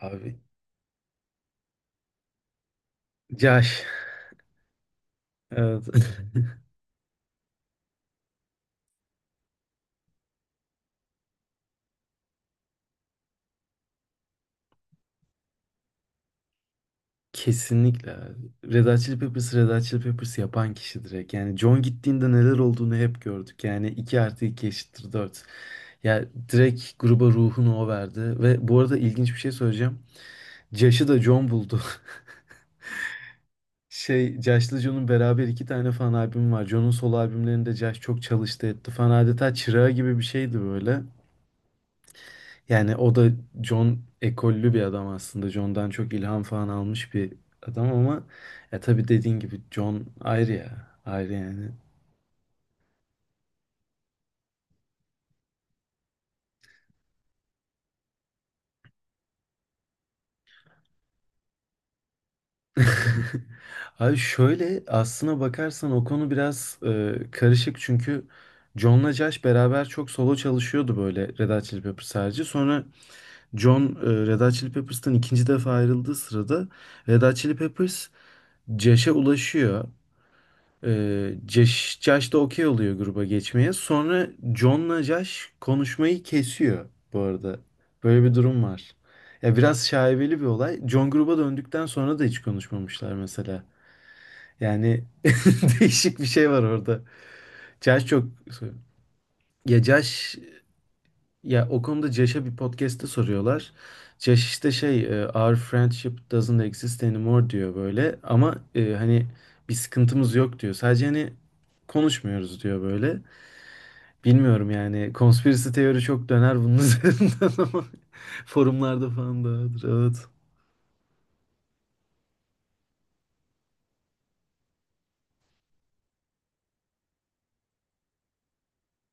Abi Yaş. Evet. Kesinlikle abi. Red Hot Chili Peppers, Red Hot Chili Peppers yapan kişi direkt. Yani John gittiğinde neler olduğunu hep gördük. Yani 2 artı 2 eşittir 4. Ya direkt gruba ruhunu o verdi. Ve bu arada ilginç bir şey söyleyeceğim. Josh'ı da John buldu. Josh'la John'un beraber iki tane fan albümü var. John'un solo albümlerinde Josh çok çalıştı etti falan. Adeta çırağı gibi bir şeydi böyle. Yani o da John ekollü bir adam aslında. John'dan çok ilham falan almış bir adam ama ya tabii dediğin gibi John ayrı ya. Ayrı yani. Abi şöyle aslına bakarsan o konu biraz karışık çünkü John'la Josh beraber çok solo çalışıyordu böyle Red Hot Chili Peppers harici. Sonra John Red Hot Chili Peppers'tan ikinci defa ayrıldığı sırada Red Hot Chili Peppers Josh'a ulaşıyor. Josh da okey oluyor gruba geçmeye. Sonra John'la Josh konuşmayı kesiyor bu arada. Böyle bir durum var. Ya biraz şaibeli bir olay. John gruba döndükten sonra da hiç konuşmamışlar mesela. Yani değişik bir şey var orada. Josh çok... Ya Josh ya o konuda Josh'a bir podcast'te soruyorlar. Josh işte Our friendship doesn't exist anymore diyor böyle. Ama hani bir sıkıntımız yok diyor. Sadece hani konuşmuyoruz diyor böyle. Bilmiyorum yani konspirasi teori çok döner bunun üzerinden ama forumlarda falan dağıdır evet.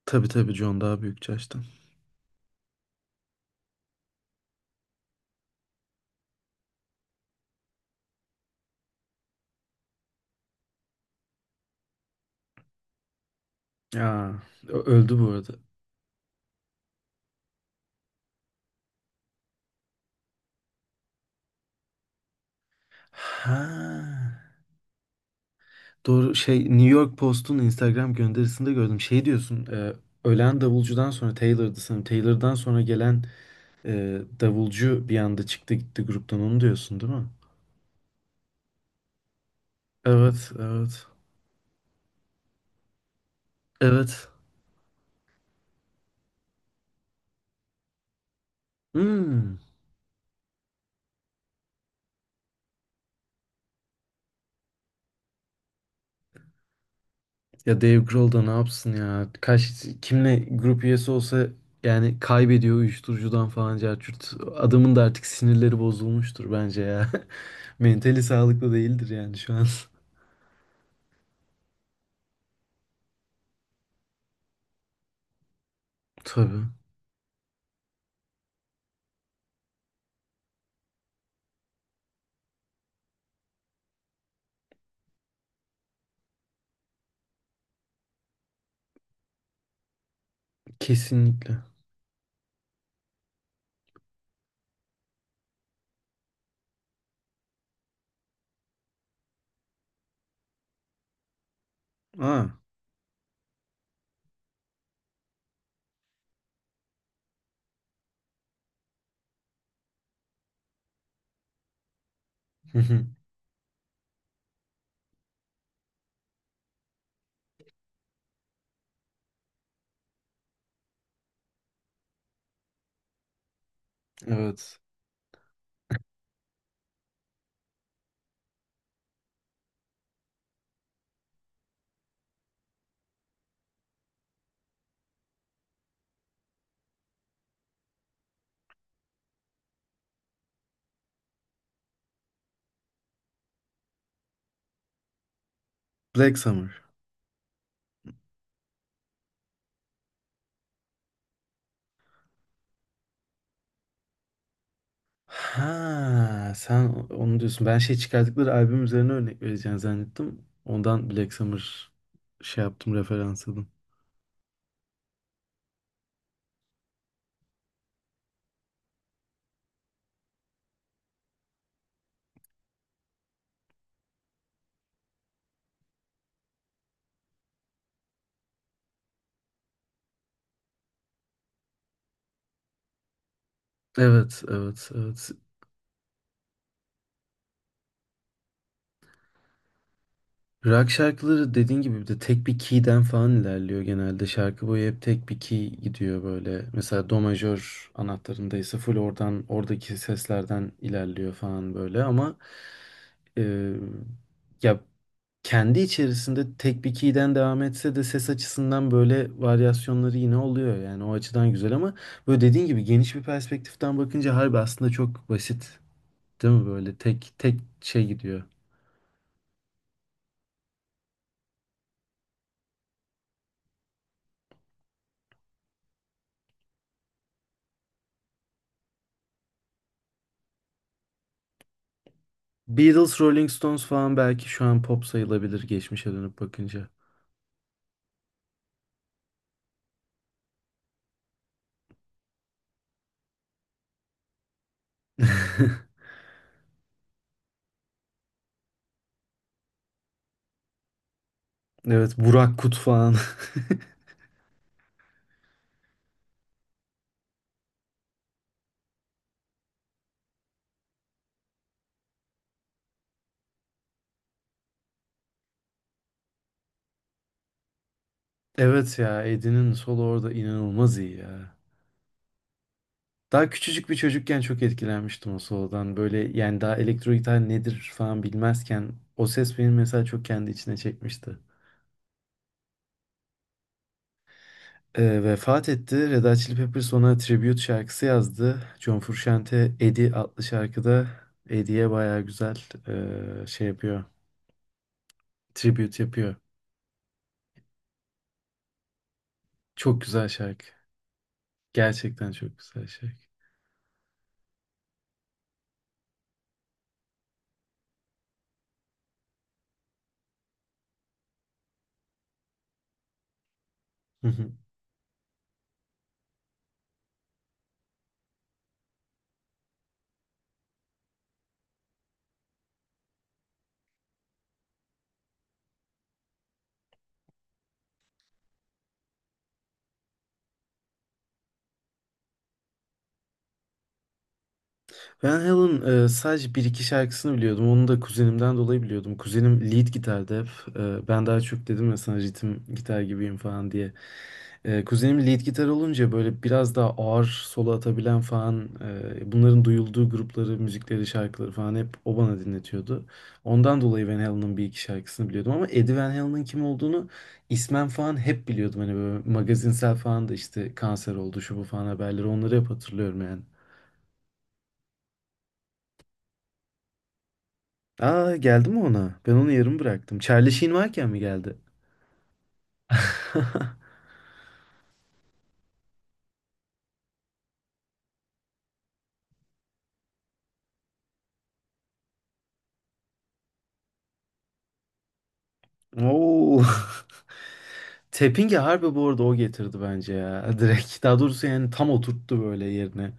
Tabii tabii, John daha büyük Josh'tan. Ya öldü bu arada. Ha. Doğru, şey, New York Post'un Instagram gönderisinde gördüm. Şey diyorsun, ölen davulcudan sonra Taylor'dı sanırım. Taylor'dan sonra gelen davulcu bir anda çıktı gitti gruptan, onu diyorsun değil mi? Evet, evet. Evet. Hmm. Ya Dave Grohl da ne yapsın ya? Kaç kimle grup üyesi olsa yani kaybediyor uyuşturucudan falan carçurt. Adamın da artık sinirleri bozulmuştur bence ya. Mentali sağlıklı değildir yani şu an. Tabii. Kesinlikle. Aa. Evet. Black Summer. Ha, sen onu diyorsun. Ben şey çıkardıkları albüm üzerine örnek vereceğini zannettim. Ondan Black Summer şey yaptım, referans aldım. Evet, evet, evet. Rock şarkıları, dediğin gibi, bir de tek bir key'den falan ilerliyor genelde. Şarkı boyu hep tek bir key gidiyor böyle. Mesela do majör anahtarında ise full oradan, oradaki seslerden ilerliyor falan böyle ama e, ya kendi içerisinde tek bir key'den devam etse de ses açısından böyle varyasyonları yine oluyor. Yani o açıdan güzel ama böyle dediğin gibi geniş bir perspektiften bakınca harbi aslında çok basit. Değil mi, böyle tek tek şey gidiyor. Beatles, Rolling Stones falan belki şu an pop sayılabilir geçmişe dönüp bakınca. Evet, Burak Kut falan. Evet ya, Eddie'nin solo orada inanılmaz iyi ya. Daha küçücük bir çocukken çok etkilenmiştim o solodan. Böyle yani daha elektro gitar nedir falan bilmezken o ses beni mesela çok kendi içine çekmişti. Vefat etti. Red Hot Chili Peppers ona tribute şarkısı yazdı. John Frusciante Eddie adlı şarkıda Eddie'ye baya güzel şey yapıyor. Tribute yapıyor. Çok güzel şarkı. Gerçekten çok güzel şarkı. Hı hı. Van Halen sadece bir iki şarkısını biliyordum. Onu da kuzenimden dolayı biliyordum. Kuzenim lead gitardı hep. E, ben daha çok dedim ya sana ritim gitar gibiyim falan diye. Kuzenim lead gitar olunca böyle biraz daha ağır solo atabilen falan bunların duyulduğu grupları, müzikleri, şarkıları falan hep o bana dinletiyordu. Ondan dolayı Van Halen'ın bir iki şarkısını biliyordum ama Eddie Van Halen'ın kim olduğunu ismen falan hep biliyordum. Hani böyle magazinsel falan da işte kanser oldu şu bu falan, haberleri onları hep hatırlıyorum yani. Aa, geldi mi ona? Ben onu yarım bıraktım. Charlie Sheen varken mi geldi? Oo. Tapping'i harbi bu arada o getirdi bence ya. Direkt. Daha doğrusu yani tam oturttu böyle yerine.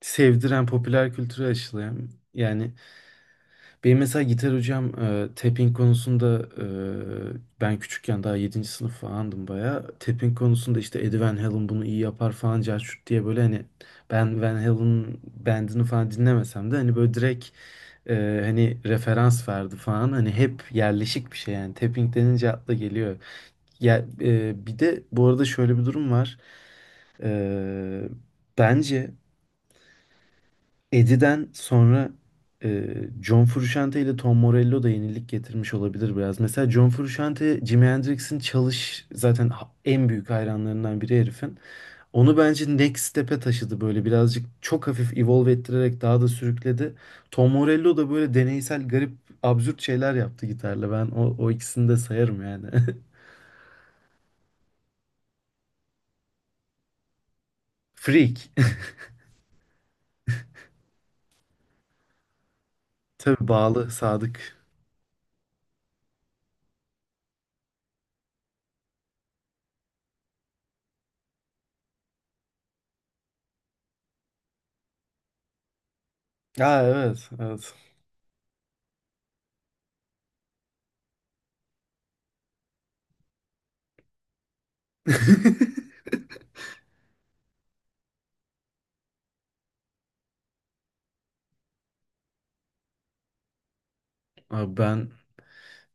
Sevdiren, popüler kültüre aşılayan. Yani benim mesela gitar hocam, tapping konusunda, ben küçükken daha yedinci sınıf falandım bayağı. Tapping konusunda işte Eddie Van Halen bunu iyi yapar falan carçurt diye böyle, hani ben Van Halen'ın bandını falan dinlemesem de hani böyle direkt e, hani referans verdi falan. Hani hep yerleşik bir şey yani. Tapping denince akla geliyor. Ya, bir de bu arada şöyle bir durum var. E, bence Eddie'den sonra e, John Frusciante ile Tom Morello da yenilik getirmiş olabilir biraz. Mesela John Frusciante, Jimi Hendrix'in çalış zaten en büyük hayranlarından biri herifin. Onu bence next step'e taşıdı böyle birazcık, çok hafif evolve ettirerek daha da sürükledi. Tom Morello da böyle deneysel, garip, absürt şeyler yaptı gitarla. Ben o ikisini de sayarım yani. Freak. Tabii, bağlı, sadık. Aa, evet, evet. Abi ben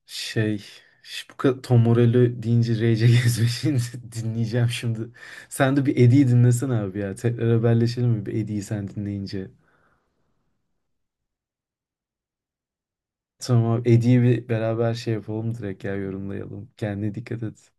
şey, şu bu kadar Tom Morello deyince Rage Against the Machine'i dinleyeceğim şimdi. Sen de bir Eddie'yi dinlesene abi ya. Tekrar haberleşelim mi bir Eddie'yi sen dinleyince. Tamam abi, Eddie'yi bir beraber şey yapalım direkt, ya yorumlayalım. Kendine dikkat et.